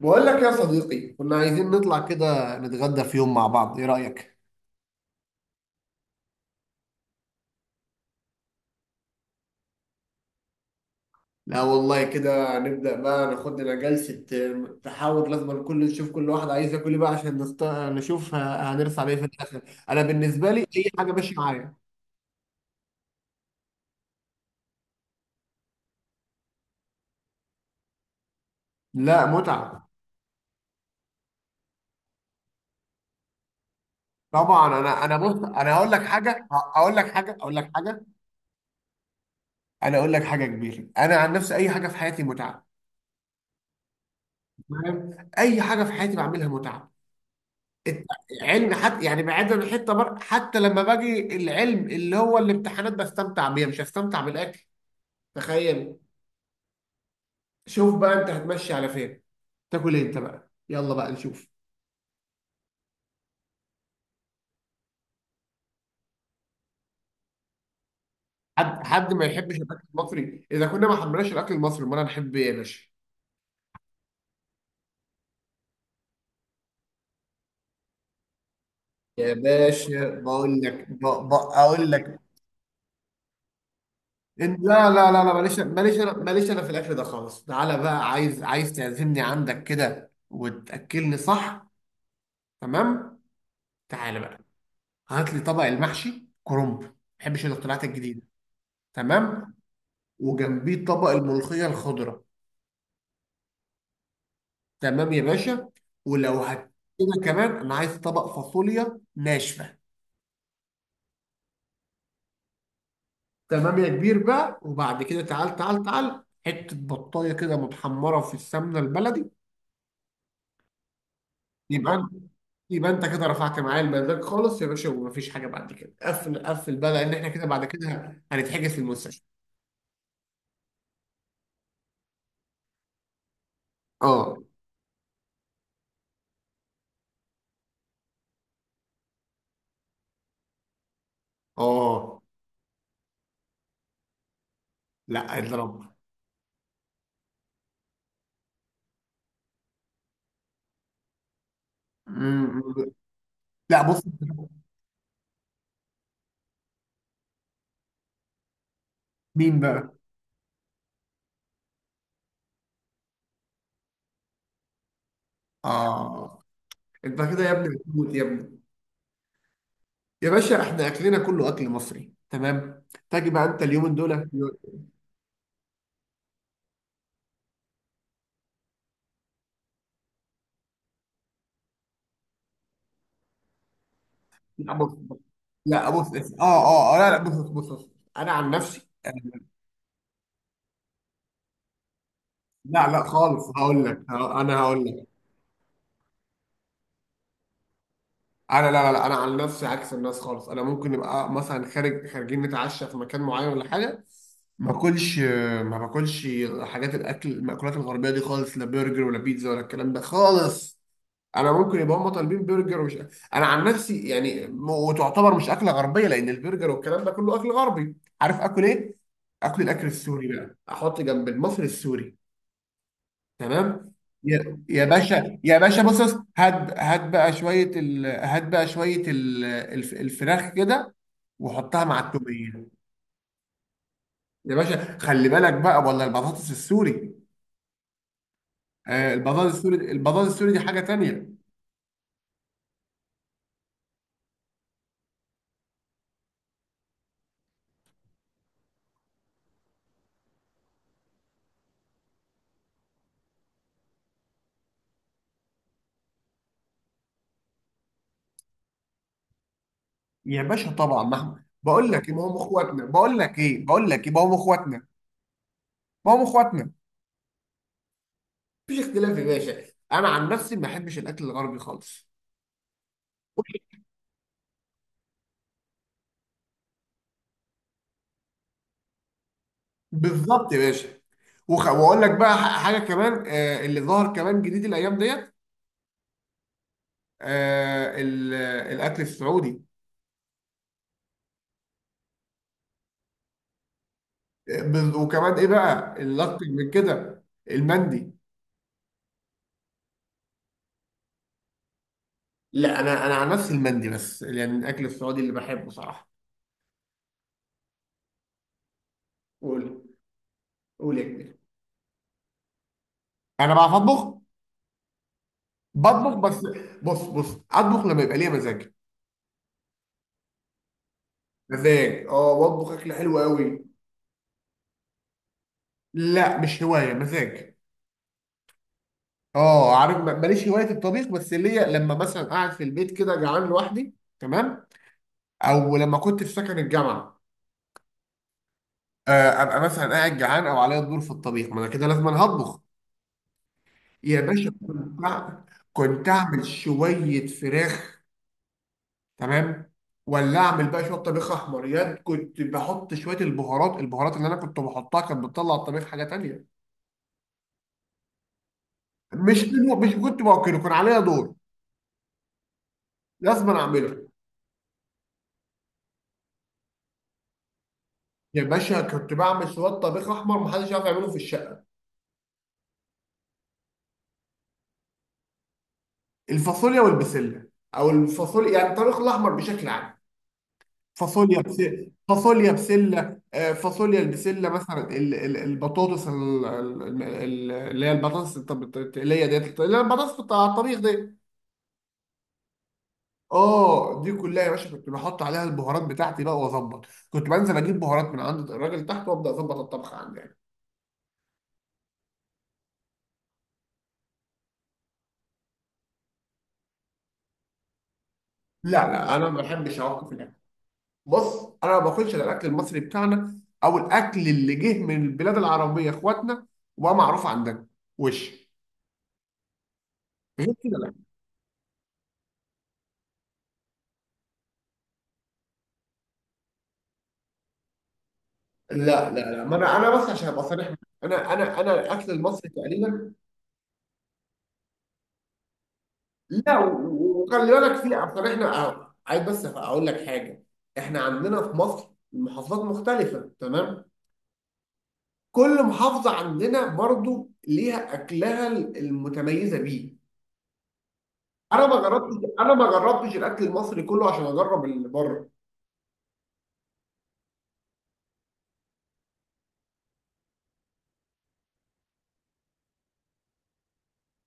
بقول لك يا صديقي، كنا عايزين نطلع كده نتغدى في يوم مع بعض، ايه رأيك؟ لا والله كده نبدأ بقى، ناخد لنا جلسة تحاور، لازم كل نشوف كل واحد عايز ياكل ايه بقى عشان نشوف هنرسى على ايه في الآخر. انا بالنسبة لي اي حاجة ماشية معايا. لا، متعة. طبعا، انا بص، انا هقول لك حاجة، اقول لك حاجة، اقول لك حاجة. انا اقول لك حاجة كبيرة، انا عن نفسي اي حاجة في حياتي متعة. تمام؟ اي حاجة في حياتي بعملها متعة. العلم حتى، يعني بعيدا عن حتى لما باجي العلم اللي هو الامتحانات بستمتع بيها، مش هستمتع بالاكل. تخيل. شوف بقى انت هتمشي على فين، تاكل ايه انت بقى، يلا بقى نشوف. حد ما يحبش الاكل المصري؟ اذا كنا ما حبيناش الاكل المصري امال هنحب ايه يا باشا؟ يا باشا بقول لك، اقول لك. لا، ماليش، انا ماليش انا في الاكل ده خالص. تعالى بقى، عايز تعزمني عندك كده وتاكلني، صح؟ تمام. تعالى بقى، هات لي طبق المحشي كرنب، ما بحبش الاختراعات الجديده. تمام، وجنبيه طبق الملوخيه الخضراء. تمام يا باشا. ولو هت كده كمان انا عايز طبق فاصوليا ناشفه. تمام يا كبير بقى، وبعد كده، تعال حته بطايه كده متحمره في السمنه البلدي. يبقى انت، يبقى انت كده رفعت معايا المزاج خالص يا باشا، ومفيش حاجه بعد كده، قفل بقى، لان احنا كده بعد كده هنتحجز في المستشفى. اه. اه. لا، اضرب. لا بص. مين بقى؟ آه. أنت كده يا ابني بتموت يا ابني. يا باشا إحنا أكلنا كله أكل مصري، تمام، تاجي بقى أنت اليومين دول. لا بص بص. لا بص بص. لا، بص بص. أنا عن نفسي، لا خالص هقول لك، أنا هقول لك. أنا لا، أنا عن نفسي عكس الناس خالص. أنا ممكن نبقى مثلا خارج، خارجين نتعشى في مكان معين ولا حاجة، ما باكلش، ما باكلش حاجات الأكل، المأكولات الغربية دي خالص، لا برجر ولا بيتزا ولا الكلام ده خالص. انا ممكن يبقى هم طالبين برجر ومش، انا عن نفسي يعني، وتعتبر مش اكله غربيه، لان البرجر والكلام ده كله اكل غربي. عارف اكل ايه؟ اكل، الاكل السوري بقى، احط جنب المصري السوري. تمام. يا باشا يا باشا، بص بص، هات بقى شويه هات بقى شويه الفراخ كده، وحطها مع التوميه. يا باشا خلي بالك بقى، ولا البطاطس السوري. آه، البطاطس السوري، البطاطس السوري دي حاجه تانيه. يا باشا طبعا، ما احنا بقول لك ايه، ما هم اخواتنا، بقول لك ايه، بقول لك ايه، ما هم اخواتنا. ما هم اخواتنا، مفيش اختلاف يا باشا. انا عن نفسي ما بحبش الاكل الغربي خالص. بالظبط يا باشا. واقول لك بقى، حاجه كمان، آه اللي ظهر كمان جديد الايام ديت. آه الاكل السعودي. وكمان ايه بقى اللي اكتر من كده؟ المندي. لا، انا عن نفسي المندي بس يعني الاكل السعودي اللي بحبه صراحه. قول. قول يا كبير. انا بعرف اطبخ. بطبخ بس، بص بص، اطبخ لما يبقى ليا مزاج. مزاج، اه، واطبخ اكل حلو قوي. لا، مش هوايه، مزاج. اه، عارف، ماليش هوايه الطبيخ، بس ليا لما مثلا قاعد في البيت كده جعان لوحدي، تمام، او لما كنت في سكن الجامعه، ابقى مثلا قاعد جعان، او عليا الدور في الطبيخ، ما انا كده لازم أنا هطبخ. يا باشا كنت كنت اعمل شويه فراخ، تمام، ولا اعمل بقى شويه طبيخ احمر. ياد كنت بحط شويه البهارات، البهارات اللي انا كنت بحطها كانت بتطلع الطبيخ حاجه تانية. مش منو مش كنت باكله، كان عليا دور، لازم أنا اعمله. يا باشا كنت بعمل شويه طبيخ احمر محدش يعرف يعمله في الشقه. الفاصوليا والبسله، او الفاصوليا، يعني الطبيخ الاحمر بشكل عام. فاصوليا بسله، فاصوليا بسله، فاصوليا البسله، مثلا البطاطس، اللي هي البطاطس، التقليه ديت، اللي هي البطاطس بتاع الطبيخ ديت. اه دي كلها يا باشا كنت بحط عليها البهارات بتاعتي بقى واظبط، كنت بنزل اجيب بهارات من عند الراجل تحت وابدا اظبط الطبخ عندي يعني. لا، انا ما بحبش اوقف الاكل. بص، انا ما باكلش الا الاكل المصري بتاعنا، او الاكل اللي جه من البلاد العربيه، اخواتنا، وبقى معروف عندنا. وش غير كده لا. لا، ما انا بس عشان ابقى صريح معاك. انا الاكل المصري تقريبا. لا، وخلي بالك، في اصل احنا، عايز بس اقول لك حاجه، احنا عندنا في مصر محافظات مختلفه، تمام، كل محافظة عندنا برضو ليها أكلها المتميزة بيه. أنا ما جربتش، أنا ما جربتش الأكل المصري كله عشان أجرب اللي بره.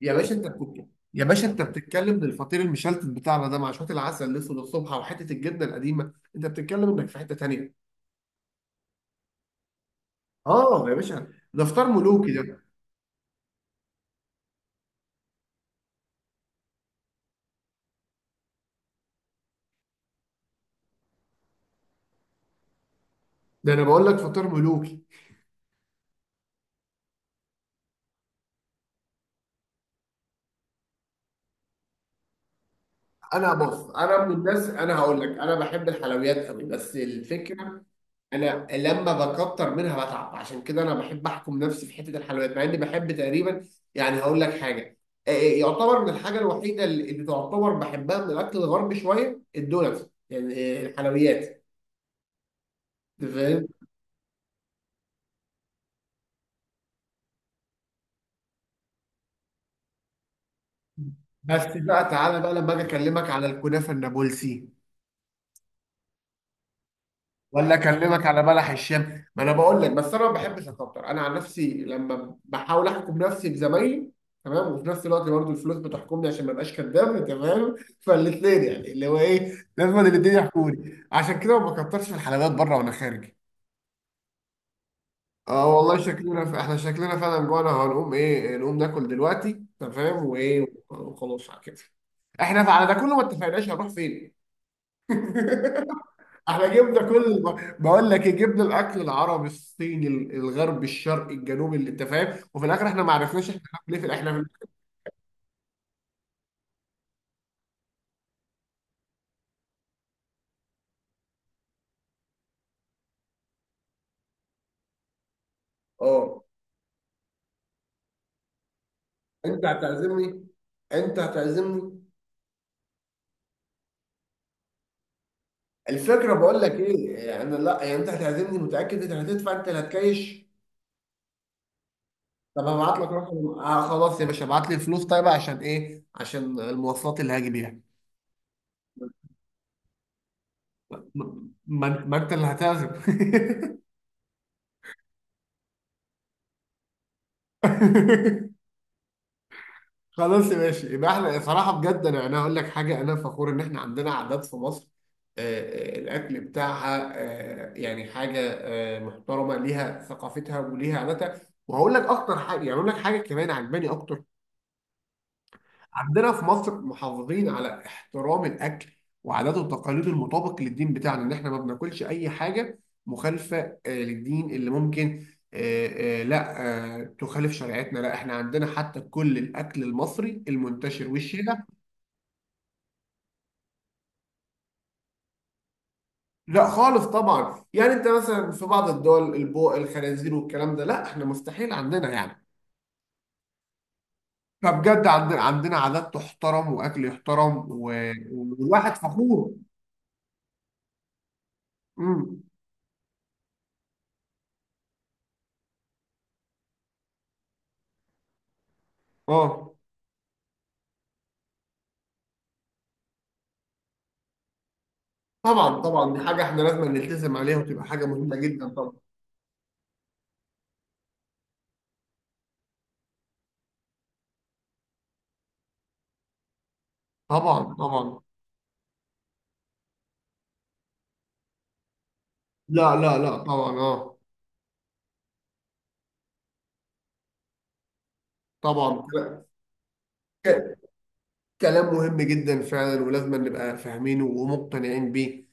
يا باشا أنت بتتكلم، يا باشا أنت بتتكلم، إن الفطير المشلتت بتاعنا ده مع شوية العسل الأسود الصبح، وحتة الجبنة القديمة، أنت بتتكلم إنك في حتة تانية. آه يا باشا، ده فطار ملوكي ده. ده أنا بقول لك فطار ملوكي. أنا بص، أنا من الناس، أنا هقول لك، أنا بحب الحلويات قوي، بس الفكرة انا لما بكتر منها بتعب، عشان كده انا بحب احكم نفسي في حته الحلويات، مع اني بحب تقريبا، يعني هقول لك حاجه، يعتبر من الحاجه الوحيده اللي تعتبر بحبها من الاكل الغربي شويه الدونتس يعني، الحلويات. أنت فاهم. بس بقى تعالى بقى لما اجي اكلمك على الكنافه النابلسي، ولا اكلمك على بلح الشام. ما انا بقول لك، بس انا ما بحبش اكتر، انا عن نفسي لما بحاول احكم نفسي بزمايلي، تمام، وفي نفس الوقت برضه الفلوس بتحكمني عشان ما ابقاش كداب، تمام، فالاثنين يعني اللي هو ايه، لازم الاثنين يحكوني، عشان كده ما بكترش في الحلويات بره وانا خارج. اه والله شكلنا احنا شكلنا فعلا جوعنا، هنقوم ايه؟ نقوم ناكل دلوقتي، تمام، وايه وخلاص على كده. احنا على ده كله ما اتفقناش هنروح فين. احنا جبنا كل، بقول لك إيه، جبنا الاكل العربي، الصيني، الغربي، الشرقي، الجنوبي، اللي انت فاهم، وفي الاخر احنا ما عرفناش احنا هناكل ايه في الاخر. احنا هناكل- اه. انت هتعزمني؟ انت هتعزمني؟ الفكره بقول لك ايه، انا لا يعني انت هتعزمني؟ متاكد انت هتدفع؟ انت اللي هتكايش؟ طب هبعت لك رقم، آه خلاص يا باشا، ابعت لي الفلوس طيب عشان ايه؟ عشان المواصلات اللي هاجي بيها. ما انت، ما انت اللي هتعزم. خلاص يا ماشي، يبقى احنا صراحة بجد، انا هقول لك حاجة، انا فخور ان احنا عندنا عادات في مصر، الاكل بتاعها، يعني حاجة محترمة ليها ثقافتها وليها عاداتها. وهقول لك اكتر حاجة يعني، اقول لك حاجة كمان عجباني اكتر. عندنا في مصر محافظين على احترام الاكل وعاداته وتقاليده المطابق للدين بتاعنا، ان احنا ما بناكلش اي حاجة مخالفة للدين، اللي ممكن، آه، آه، لا آه، تخالف شريعتنا. لا احنا عندنا حتى كل الاكل المصري المنتشر والشائع. لا خالص طبعا، يعني انت مثلا في بعض الدول البوق الخنازير والكلام ده، لا احنا مستحيل عندنا يعني. فبجد، عندنا عادات تحترم، واكل يحترم، و- والواحد فخور. امم. اه. طبعا طبعا، دي حاجه احنا لازم نلتزم عليها، وتبقى حاجه مهمه جدا طبعا. طبعا طبعا. لا طبعا، اه طبعا. ك- كلام مهم جدا فعلا، ولازم نبقى فاهمينه ومقتنعين بيه،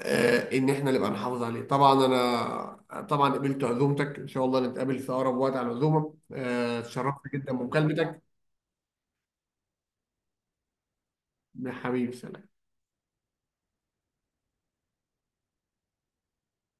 ان احنا نبقى نحافظ عليه. طبعا، انا طبعا قبلت عزومتك، ان شاء الله نتقابل في اقرب وقت على العزومه. اتشرفت جدا بمكالمتك. حبيبي سلام.